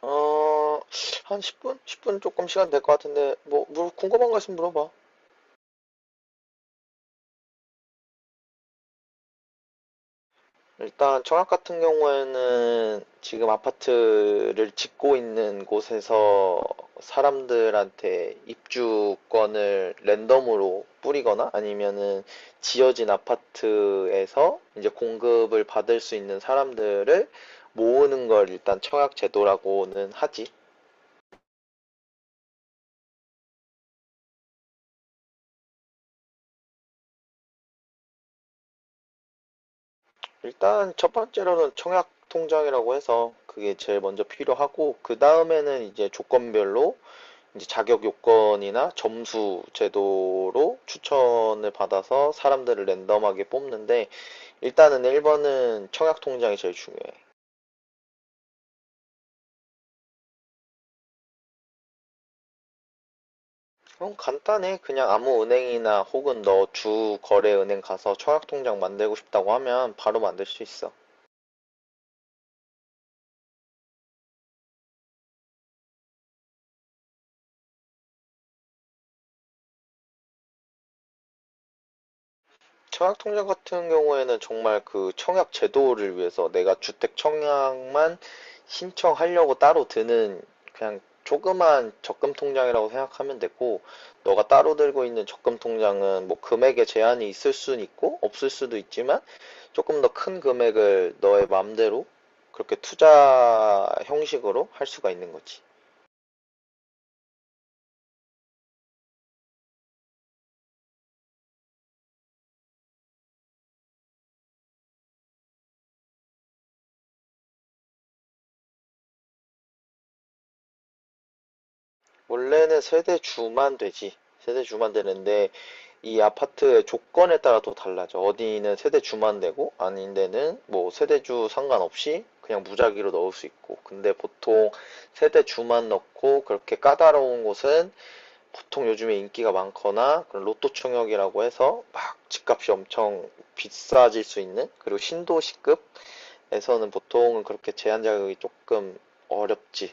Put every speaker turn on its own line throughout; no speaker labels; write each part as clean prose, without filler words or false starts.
어, 한 10분? 10분 조금 시간 될 것 같은데, 뭐, 궁금한 거 있으면 물어봐. 일단, 청약 같은 경우에는 지금 아파트를 짓고 있는 곳에서 사람들한테 입주권을 랜덤으로 뿌리거나 아니면은 지어진 아파트에서 이제 공급을 받을 수 있는 사람들을 모으는 걸 일단 청약 제도라고는 하지. 일단 첫 번째로는 청약 통장이라고 해서 그게 제일 먼저 필요하고, 그 다음에는 이제 조건별로 이제 자격 요건이나 점수 제도로 추천을 받아서 사람들을 랜덤하게 뽑는데, 일단은 1번은 청약 통장이 제일 중요해. 그럼 간단해. 그냥 아무 은행이나 혹은 너 주 거래 은행 가서 청약 통장 만들고 싶다고 하면 바로 만들 수 있어. 청약통장 같은 경우에는 정말 그 청약 제도를 위해서 내가 주택 청약만 신청하려고 따로 드는 그냥 조그만 적금 통장이라고 생각하면 되고, 너가 따로 들고 있는 적금 통장은 뭐 금액에 제한이 있을 수 있고, 없을 수도 있지만, 조금 더 큰 금액을 너의 마음대로 그렇게 투자 형식으로 할 수가 있는 거지. 원래는 세대 주만 되지. 세대 주만 되는데, 이 아파트의 조건에 따라 또 달라져. 어디는 세대 주만 되고, 아닌 데는 뭐 세대 주 상관없이 그냥 무작위로 넣을 수 있고. 근데 보통 세대 주만 넣고 그렇게 까다로운 곳은, 보통 요즘에 인기가 많거나 그런 로또 총역이라고 해서 막 집값이 엄청 비싸질 수 있는, 그리고 신도시급에서는 보통은 그렇게 제한 자격이 조금 어렵지.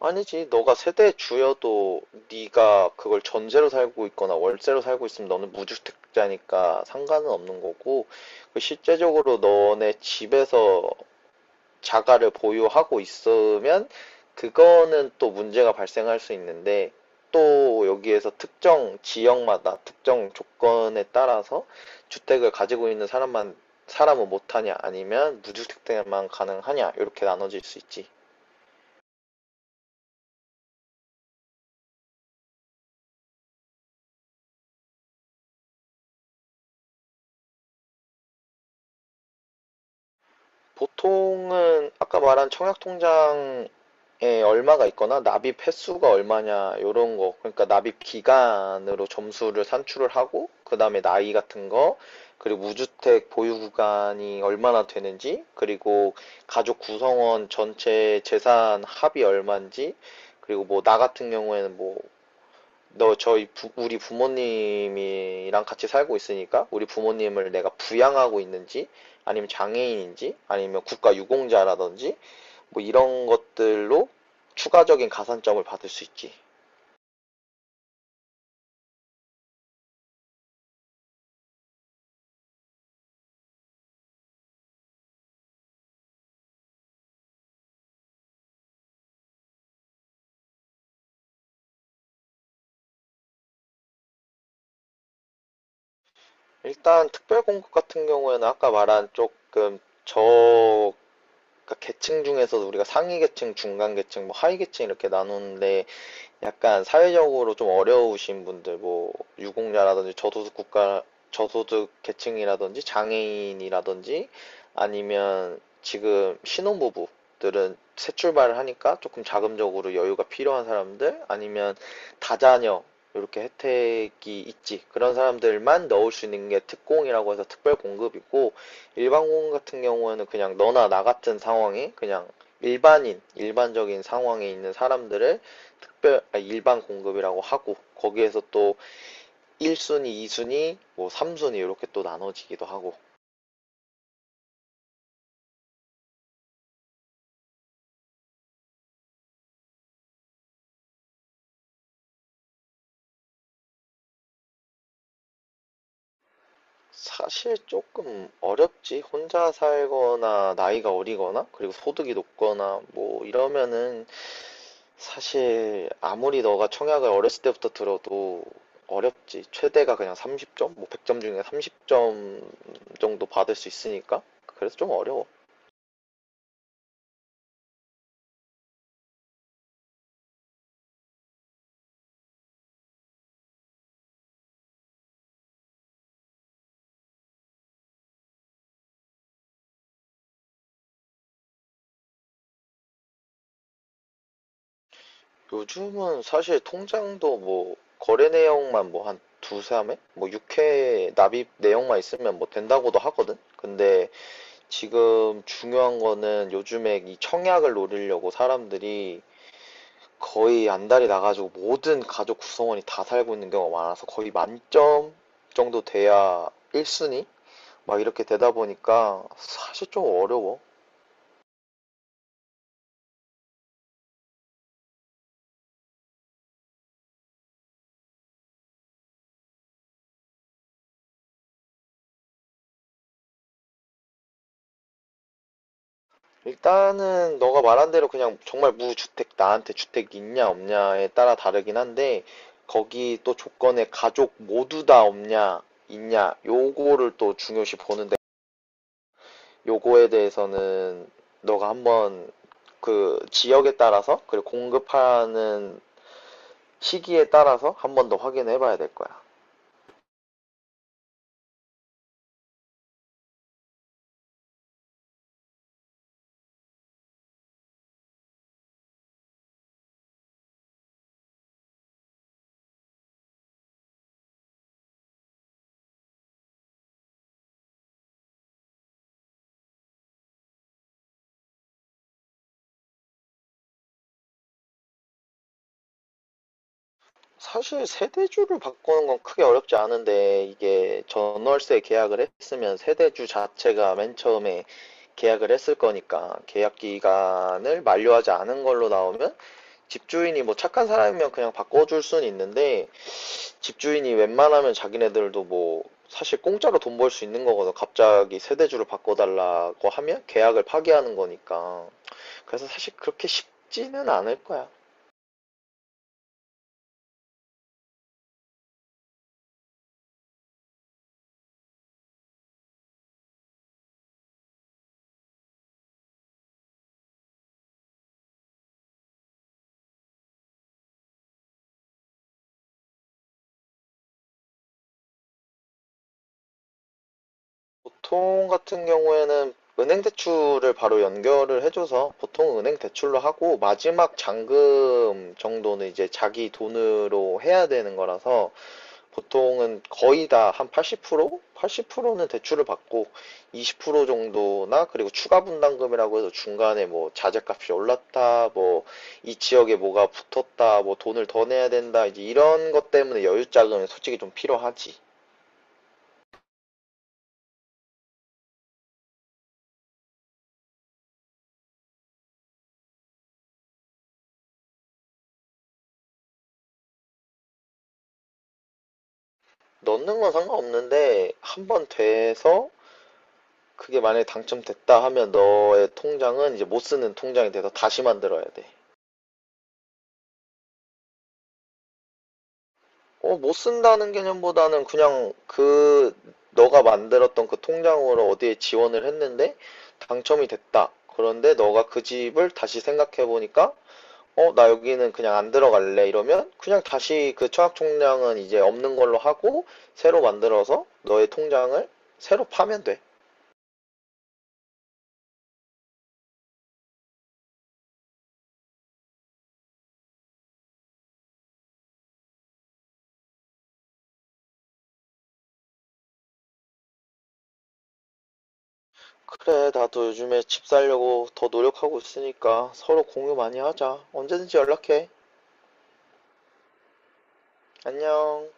아니지, 너가 세대 주여도 네가 그걸 전세로 살고 있거나 월세로 살고 있으면 너는 무주택자니까 상관은 없는 거고, 그 실제적으로 너네 집에서 자가를 보유하고 있으면 그거는 또 문제가 발생할 수 있는데, 또 여기에서 특정 지역마다 특정 조건에 따라서 주택을 가지고 있는 사람만, 사람은 못하냐 아니면 무주택자만 가능하냐 이렇게 나눠질 수 있지. 보통은 아까 말한 청약통장에 얼마가 있거나 납입 횟수가 얼마냐 이런거, 그러니까 납입 기간으로 점수를 산출을 하고, 그다음에 나이 같은 거, 그리고 무주택 보유 구간이 얼마나 되는지, 그리고 가족 구성원 전체 재산 합이 얼마인지, 그리고 뭐 나 같은 경우에는 뭐 너 우리 부모님이랑 같이 살고 있으니까 우리 부모님을 내가 부양하고 있는지, 아니면 장애인인지, 아니면 국가 유공자라든지 뭐 이런 것들로 추가적인 가산점을 받을 수 있지. 일단 특별 공급 같은 경우에는 아까 말한 조금 저 그러니까 계층 중에서도 우리가 상위 계층, 중간 계층, 뭐 하위 계층 이렇게 나누는데, 약간 사회적으로 좀 어려우신 분들, 뭐 유공자라든지 저소득 국가, 저소득 계층이라든지 장애인이라든지, 아니면 지금 신혼부부들은 새 출발을 하니까 조금 자금적으로 여유가 필요한 사람들, 아니면 다자녀, 이렇게 혜택이 있지. 그런 사람들만 넣을 수 있는 게 특공이라고 해서 특별 공급이고, 일반 공급 같은 경우에는 그냥 너나 나 같은 상황에, 그냥 일반인, 일반적인 상황에 있는 사람들을 일반 공급이라고 하고, 거기에서 또 1순위, 2순위, 뭐 3순위 이렇게 또 나눠지기도 하고. 사실 조금 어렵지. 혼자 살거나 나이가 어리거나 그리고 소득이 높거나 뭐 이러면은 사실 아무리 너가 청약을 어렸을 때부터 들어도 어렵지. 최대가 그냥 30점, 뭐 100점 중에 30점 정도 받을 수 있으니까. 그래서 좀 어려워. 요즘은 사실 통장도 뭐 거래 내역만 뭐 한 두세 회? 뭐 6회 납입 내역만 있으면 뭐 된다고도 하거든? 근데 지금 중요한 거는, 요즘에 이 청약을 노리려고 사람들이 거의 안달이 나가지고 모든 가족 구성원이 다 살고 있는 경우가 많아서 거의 만점 정도 돼야 1순위? 막 이렇게 되다 보니까 사실 좀 어려워. 일단은 너가 말한 대로 그냥 정말 무주택, 나한테 주택 있냐 없냐에 따라 다르긴 한데, 거기 또 조건에 가족 모두 다 없냐 있냐 요거를 또 중요시 보는데, 요거에 대해서는 너가 한번 그 지역에 따라서, 그리고 공급하는 시기에 따라서 한번 더 확인해 봐야 될 거야. 사실 세대주를 바꾸는 건 크게 어렵지 않은데, 이게 전월세 계약을 했으면 세대주 자체가 맨 처음에 계약을 했을 거니까, 계약 기간을 만료하지 않은 걸로 나오면 집주인이 뭐 착한 사람이면 그냥 바꿔줄 수는 있는데, 집주인이 웬만하면 자기네들도 뭐 사실 공짜로 돈 벌 수 있는 거거든. 갑자기 세대주를 바꿔달라고 하면 계약을 파기하는 거니까. 그래서 사실 그렇게 쉽지는 않을 거야. 보통 같은 경우에는 은행 대출을 바로 연결을 해줘서, 보통 은행 대출로 하고 마지막 잔금 정도는 이제 자기 돈으로 해야 되는 거라서 보통은 거의 다 한 80%? 80%는 대출을 받고 20% 정도나, 그리고 추가 분담금이라고 해서 중간에 뭐 자재값이 올랐다, 뭐 이 지역에 뭐가 붙었다, 뭐 돈을 더 내야 된다, 이제 이런 것 때문에 여유 자금이 솔직히 좀 필요하지. 넣는 건 상관없는데, 한번 돼서 그게 만약에 당첨됐다 하면 너의 통장은 이제 못 쓰는 통장이 돼서 다시 만들어야 돼. 어, 못 쓴다는 개념보다는 그냥 그 너가 만들었던 그 통장으로 어디에 지원을 했는데 당첨이 됐다. 그런데 너가 그 집을 다시 생각해 보니까 어, 나 여기는 그냥 안 들어갈래 이러면, 그냥 다시 그 청약통장은 이제 없는 걸로 하고 새로 만들어서 너의 통장을 새로 파면 돼. 그래, 나도 요즘에 집 살려고 더 노력하고 있으니까 서로 공유 많이 하자. 언제든지 연락해. 안녕.